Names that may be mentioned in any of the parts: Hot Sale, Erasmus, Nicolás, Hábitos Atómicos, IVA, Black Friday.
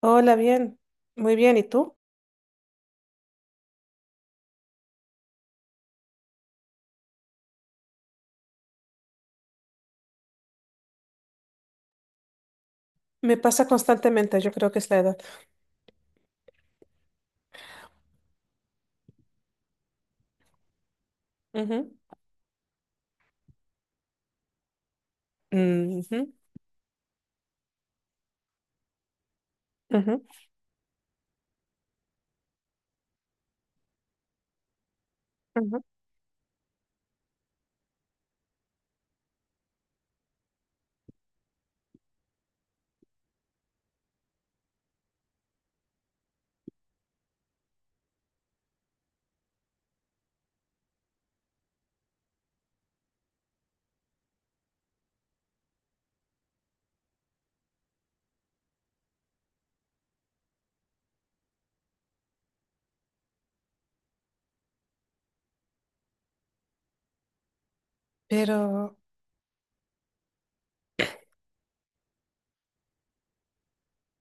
Hola, bien, muy bien. ¿Y tú? Me pasa constantemente, yo creo que es la edad. Ujú, ujú, ujú, ujú. Pero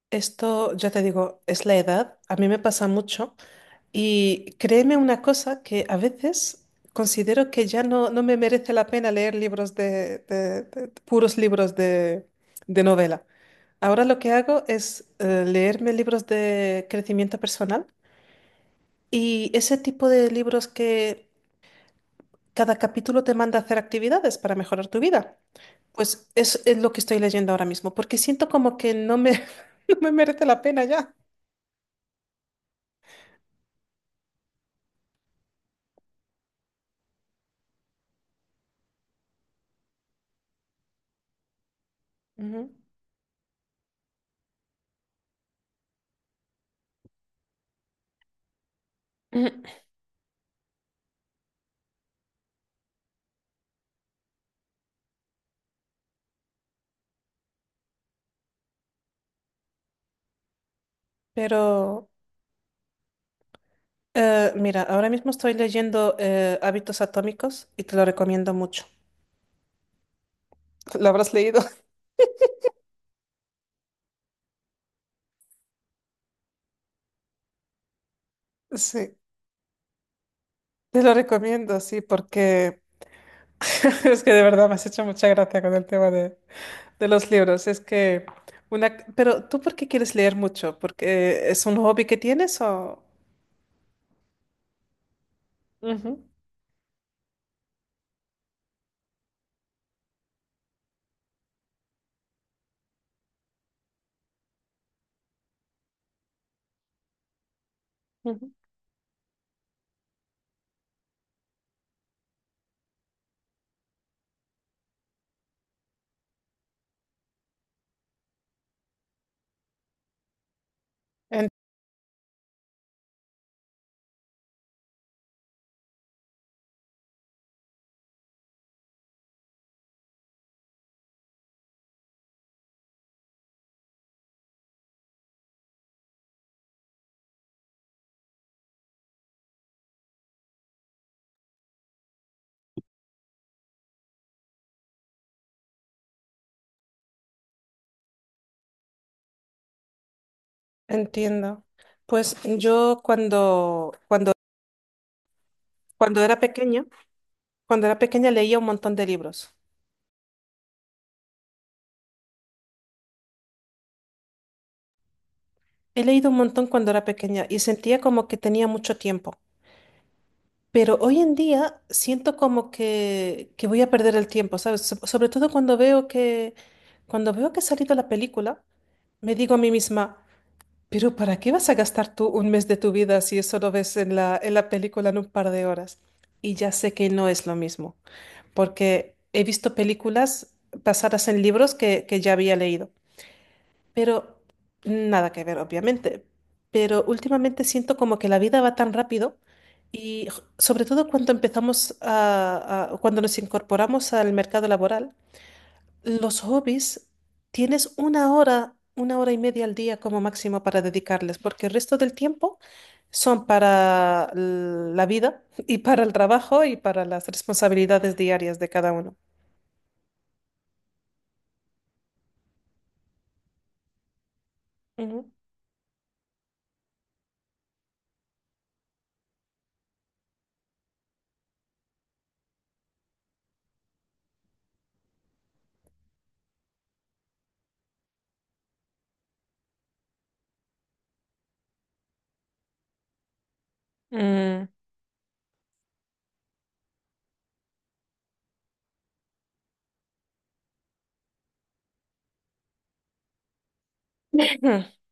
esto, ya te digo, es la edad, a mí me pasa mucho. Y créeme una cosa que a veces considero que ya no me merece la pena leer libros puros libros de novela. Ahora lo que hago es leerme libros de crecimiento personal y ese tipo de libros que cada capítulo te manda a hacer actividades para mejorar tu vida. Pues es lo que estoy leyendo ahora mismo, porque siento como que no me, no me merece la pena ya. Ujú. Ujú. Pero mira, ahora mismo estoy leyendo Hábitos Atómicos y te lo recomiendo mucho. ¿Lo habrás leído? Sí, te lo recomiendo, sí, porque es que de verdad me has hecho mucha gracia con el tema de los libros. Es que una... Pero ¿tú por qué quieres leer mucho? ¿Porque es un hobby que tienes o...? Ujú. Ujú. En- Entiendo. Pues yo cuando era pequeña, leía un montón de libros. He leído un montón cuando era pequeña y sentía como que tenía mucho tiempo. Pero hoy en día siento como que voy a perder el tiempo, ¿sabes? Sobre todo cuando veo que ha salido la película, me digo a mí misma, pero ¿para qué vas a gastar tú un mes de tu vida si eso lo ves en en la película en un par de horas? Y ya sé que no es lo mismo, porque he visto películas basadas en libros que ya había leído, pero nada que ver, obviamente. Pero últimamente siento como que la vida va tan rápido y sobre todo cuando cuando nos incorporamos al mercado laboral, los hobbies tienes una hora y media al día como máximo para dedicarles, porque el resto del tiempo son para la vida y para el trabajo y para las responsabilidades diarias de cada uno. Mm.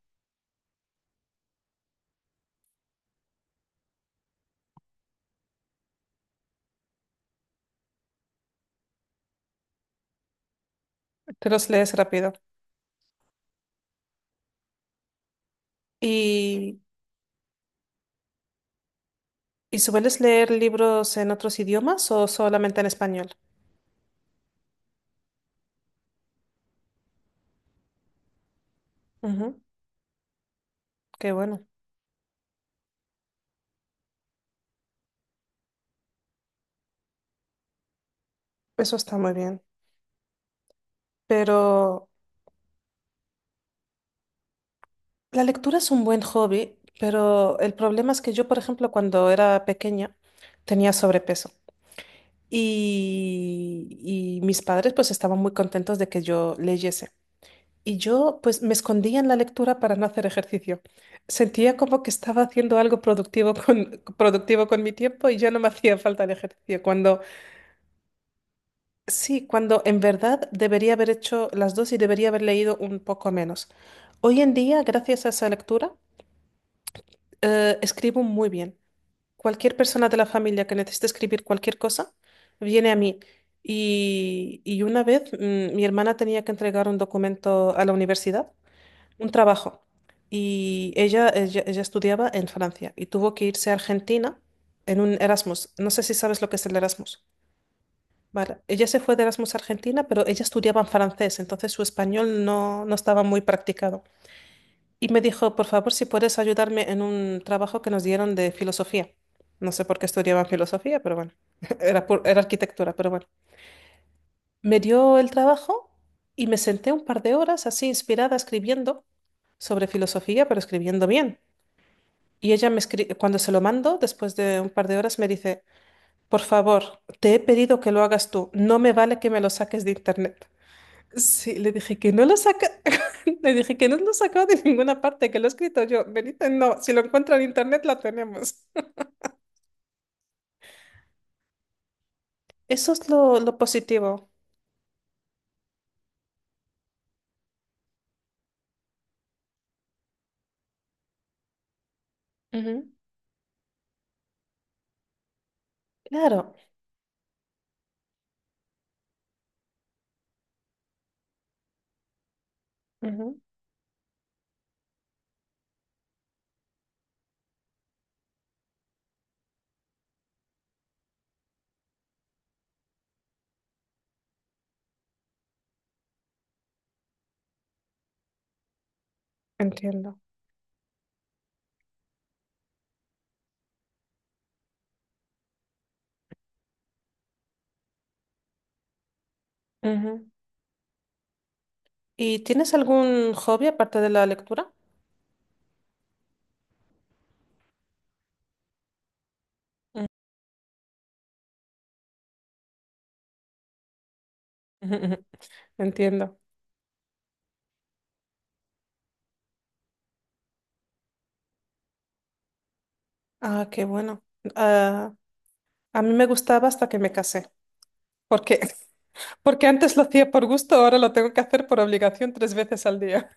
Te los lees rápido. ¿Y, y sueles leer libros en otros idiomas o solamente en español? Ujú. Qué bueno, eso está muy bien. Pero la lectura es un buen hobby, pero el problema es que yo, por ejemplo, cuando era pequeña, tenía sobrepeso y mis padres pues estaban muy contentos de que yo leyese. Y yo pues me escondía en la lectura para no hacer ejercicio. Sentía como que estaba haciendo algo productivo productivo con mi tiempo y ya no me hacía falta el ejercicio. Cuando sí, cuando en verdad debería haber hecho las dos y debería haber leído un poco menos. Hoy en día, gracias a esa lectura, escribo muy bien. Cualquier persona de la familia que necesite escribir cualquier cosa, viene a mí. Y una vez mi hermana tenía que entregar un documento a la universidad, un trabajo. Y ella estudiaba en Francia y tuvo que irse a Argentina en un Erasmus. No sé si sabes lo que es el Erasmus. Vale, ella se fue de Erasmus a Argentina, pero ella estudiaba en francés, entonces su español no estaba muy practicado. Y me dijo, por favor, si puedes ayudarme en un trabajo que nos dieron de filosofía. No sé por qué estudiaban filosofía, pero bueno, era arquitectura, pero bueno. Me dio el trabajo y me senté un par de horas así inspirada escribiendo sobre filosofía, pero escribiendo bien. Y ella me escribe, cuando se lo mando, después de un par de horas, me dice, por favor, te he pedido que lo hagas tú, no me vale que me lo saques de internet. Sí, le dije que no lo saca, le dije que no lo sacado de ninguna parte, que lo he escrito yo. Me dice, no, si lo encuentro en internet, lo tenemos. Eso es lo positivo. Ujú. Claro. Ujú. Entiendo. Ujú. ¿Y tienes algún hobby aparte de la lectura? Ujú. Ujú. Ujú. Entiendo. Ah, qué bueno. Ah, a mí me gustaba hasta que me casé. Porque, Porque antes lo hacía por gusto, ahora lo tengo que hacer por obligación 3 veces al día.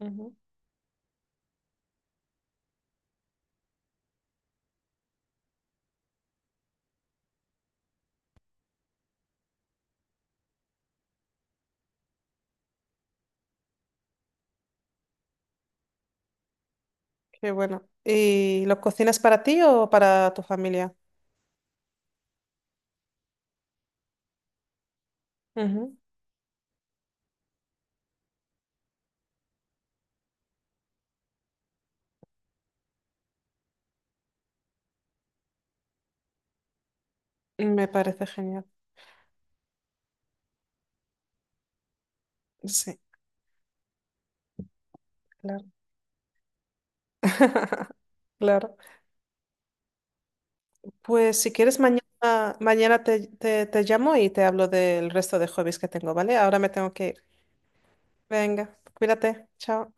Ujú. Qué bueno. ¿Y lo cocinas para ti o para tu familia? Ujú. Me parece genial. Sí, claro. Claro. Pues si quieres, mañana, mañana te llamo y te hablo del resto de hobbies que tengo, ¿vale? Ahora me tengo que ir. Venga, cuídate. Chao.